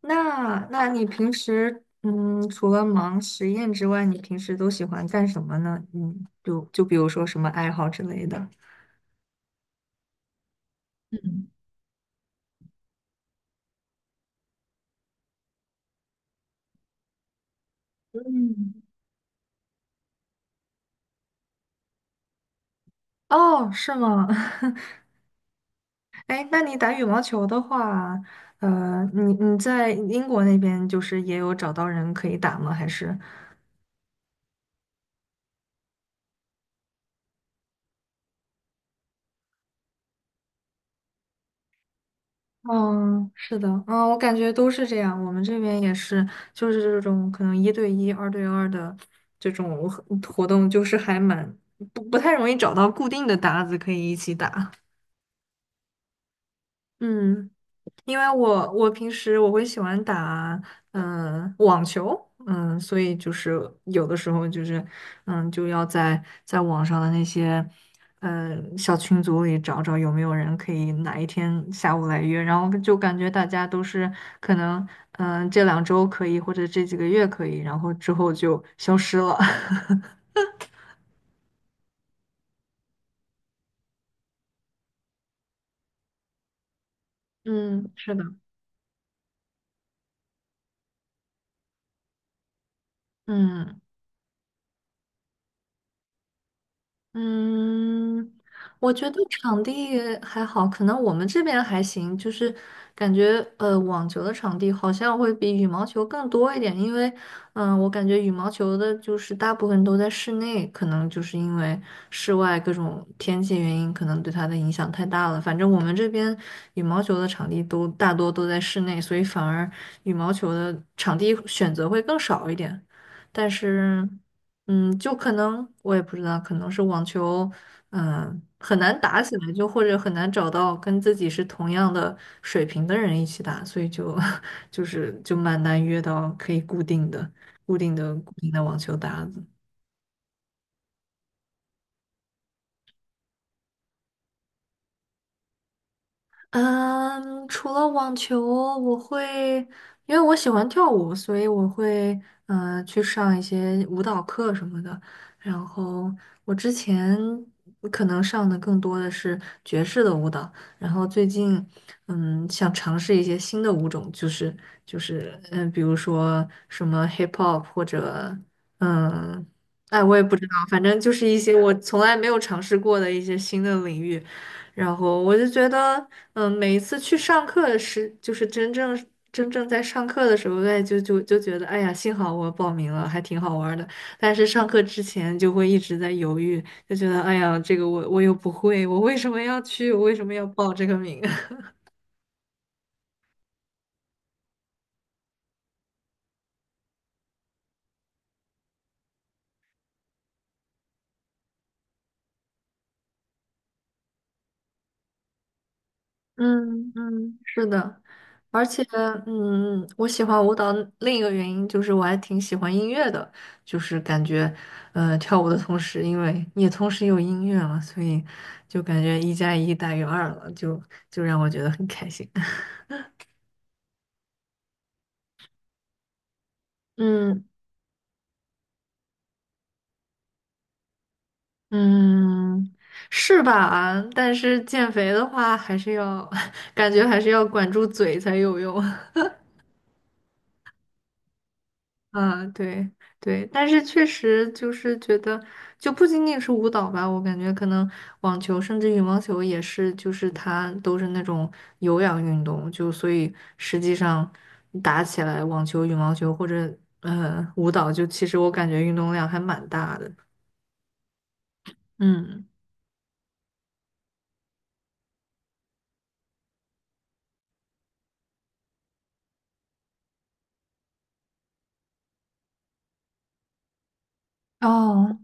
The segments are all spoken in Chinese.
那你平时除了忙实验之外，你平时都喜欢干什么呢？嗯，就比如说什么爱好之类的。嗯。哦，是吗？哎，那你打羽毛球的话，你在英国那边就是也有找到人可以打吗？还是？嗯，是的，嗯，我感觉都是这样。我们这边也是，就是这种可能一对一、二对二的这种活动，就是还蛮不太容易找到固定的搭子可以一起打。嗯。因为我平时我会喜欢打网球，嗯，所以就是有的时候就是就要在网上的那些小群组里找找有没有人可以哪一天下午来约，然后就感觉大家都是可能这两周可以或者这几个月可以，然后之后就消失了。嗯，是的，嗯。嗯，我觉得场地还好，可能我们这边还行，就是感觉网球的场地好像会比羽毛球更多一点，因为我感觉羽毛球的就是大部分都在室内，可能就是因为室外各种天气原因，可能对它的影响太大了。反正我们这边羽毛球的场地都大多都在室内，所以反而羽毛球的场地选择会更少一点，但是。嗯，就可能我也不知道，可能是网球，嗯，很难打起来，就或者很难找到跟自己是同样的水平的人一起打，所以就 就是就蛮难约到可以固定的、固定的网球搭子。嗯，除了网球，我会，因为我喜欢跳舞，所以我会去上一些舞蹈课什么的。然后我之前可能上的更多的是爵士的舞蹈，然后最近想尝试一些新的舞种，就是就是比如说什么 hip hop 或者嗯，哎，我也不知道，反正就是一些我从来没有尝试过的一些新的领域。然后我就觉得，嗯，每一次去上课时，就是真正在上课的时候，哎，就觉得，哎呀，幸好我报名了，还挺好玩儿的。但是上课之前就会一直在犹豫，就觉得，哎呀，这个我又不会，我为什么要去？我为什么要报这个名？嗯嗯，是的，而且嗯，我喜欢舞蹈另一个原因就是我还挺喜欢音乐的，就是感觉跳舞的同时，因为也同时有音乐嘛，所以就感觉一加一大于二了，就就让我觉得很开心。嗯嗯，是吧？但是减肥的话，还是要 感觉还是要管住嘴才有用。嗯，对对，但是确实就是觉得，就不仅仅是舞蹈吧，我感觉可能网球甚至羽毛球也是，就是它都是那种有氧运动，就所以实际上打起来，网球、羽毛球或者舞蹈，就其实我感觉运动量还蛮大的。嗯，哦，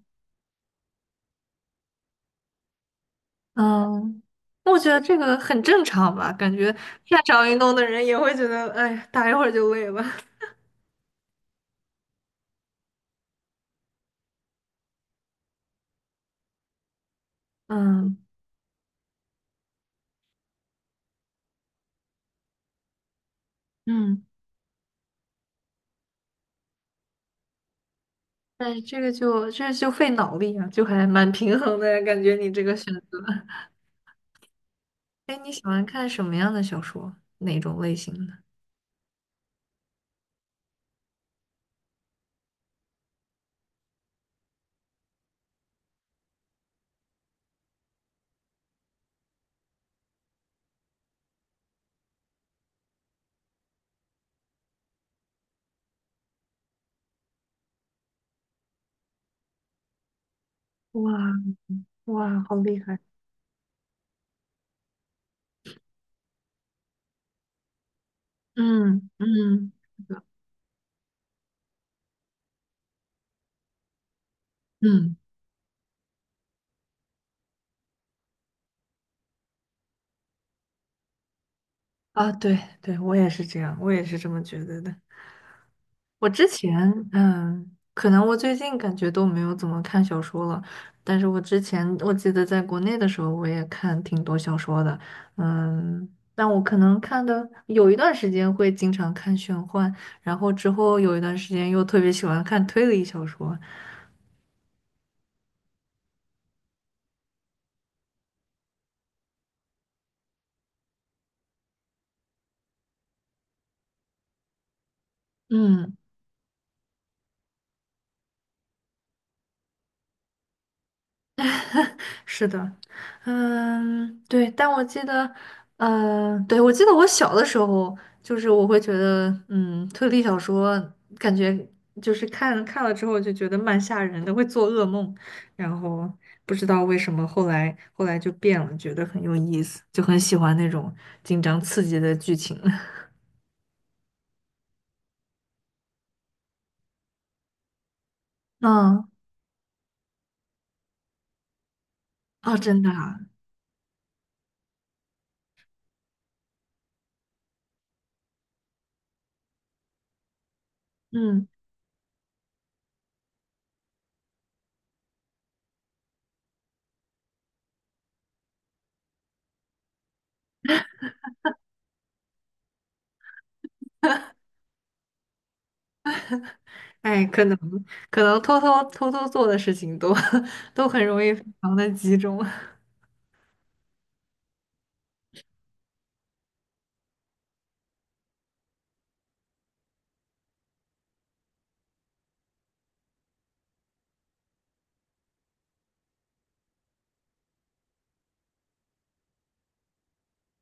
嗯，我觉得这个很正常吧，感觉擅长运动的人也会觉得，哎，打一会儿就累了。嗯嗯。哎，这个就这就费脑力啊，就还蛮平衡的呀，感觉你这个选择。哎，你喜欢看什么样的小说？哪种类型的？哇哇，好厉害！嗯嗯，是的嗯啊，对对，我也是这样，我也是这么觉得的。我之前，嗯，可能我最近感觉都没有怎么看小说了，但是我之前我记得在国内的时候，我也看挺多小说的，嗯，但我可能看的有一段时间会经常看玄幻，然后之后有一段时间又特别喜欢看推理小说，嗯，是的，嗯，对，但我记得，对，我记得我小的时候，就是我会觉得，嗯，推理小说感觉就是看看了之后就觉得蛮吓人的，会做噩梦，然后不知道为什么后来就变了，觉得很有意思，就很喜欢那种紧张刺激的剧情。嗯，哦，真的啊，嗯，哎，可能偷偷做的事情都 都很容易非常的集中。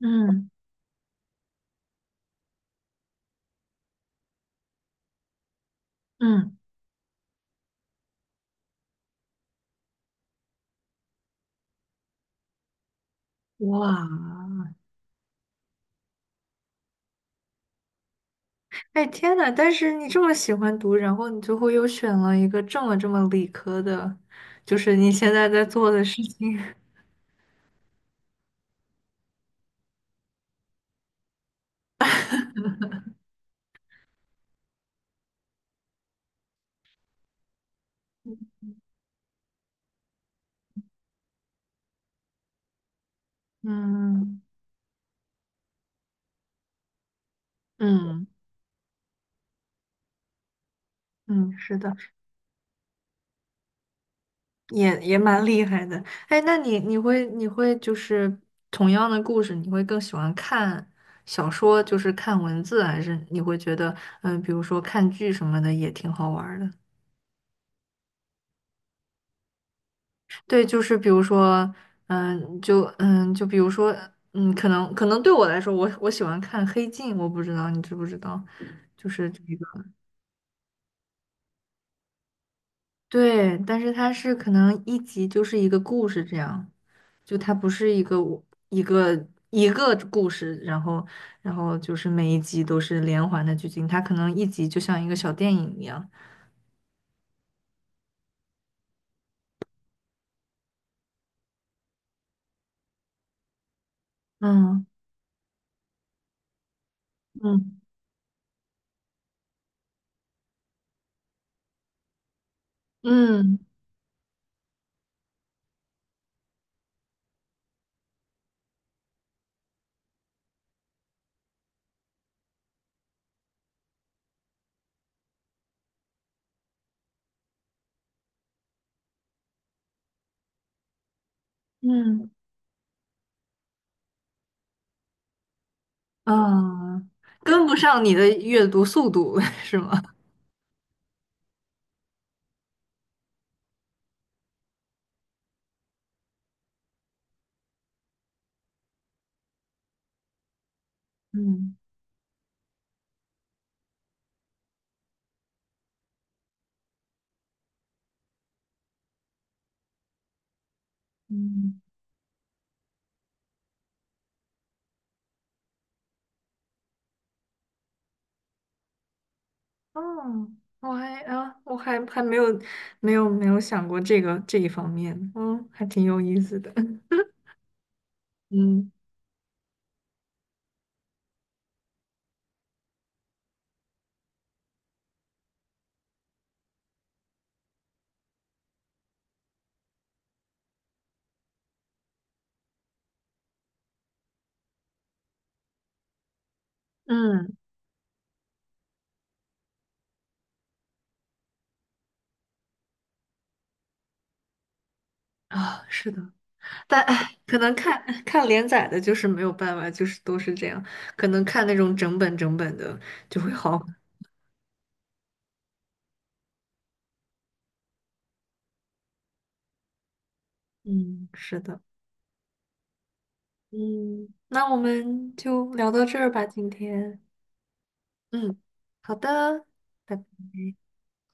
嗯嗯，哇，哎天呐！但是你这么喜欢读，然后你最后又选了一个这么理科的，就是你现在在做的事情。嗯嗯嗯，是的，也也蛮厉害的。哎，那你你会你会就是同样的故事，你会更喜欢看小说，就是看文字，还是你会觉得嗯，比如说看剧什么的也挺好玩儿的？对，就是比如说，嗯，就嗯，就比如说，嗯，可能对我来说，我喜欢看《黑镜》，我不知道你知不知道，就是这个，对，但是它是可能一集就是一个故事这样，就它不是一个我一个一个故事，然后然后就是每一集都是连环的剧情，它可能一集就像一个小电影一样，嗯嗯嗯嗯嗯啊，跟不上你的阅读速度 是吗？嗯嗯，哦，我还啊，我还还没有想过这个这一方面，嗯，还挺有意思的，嗯嗯啊，是的，但唉，可能看看连载的，就是没有办法，就是都是这样，可能看那种整本整本的就会好，嗯，是的，嗯，那我们就聊到这儿吧，今天，嗯，好的，拜拜。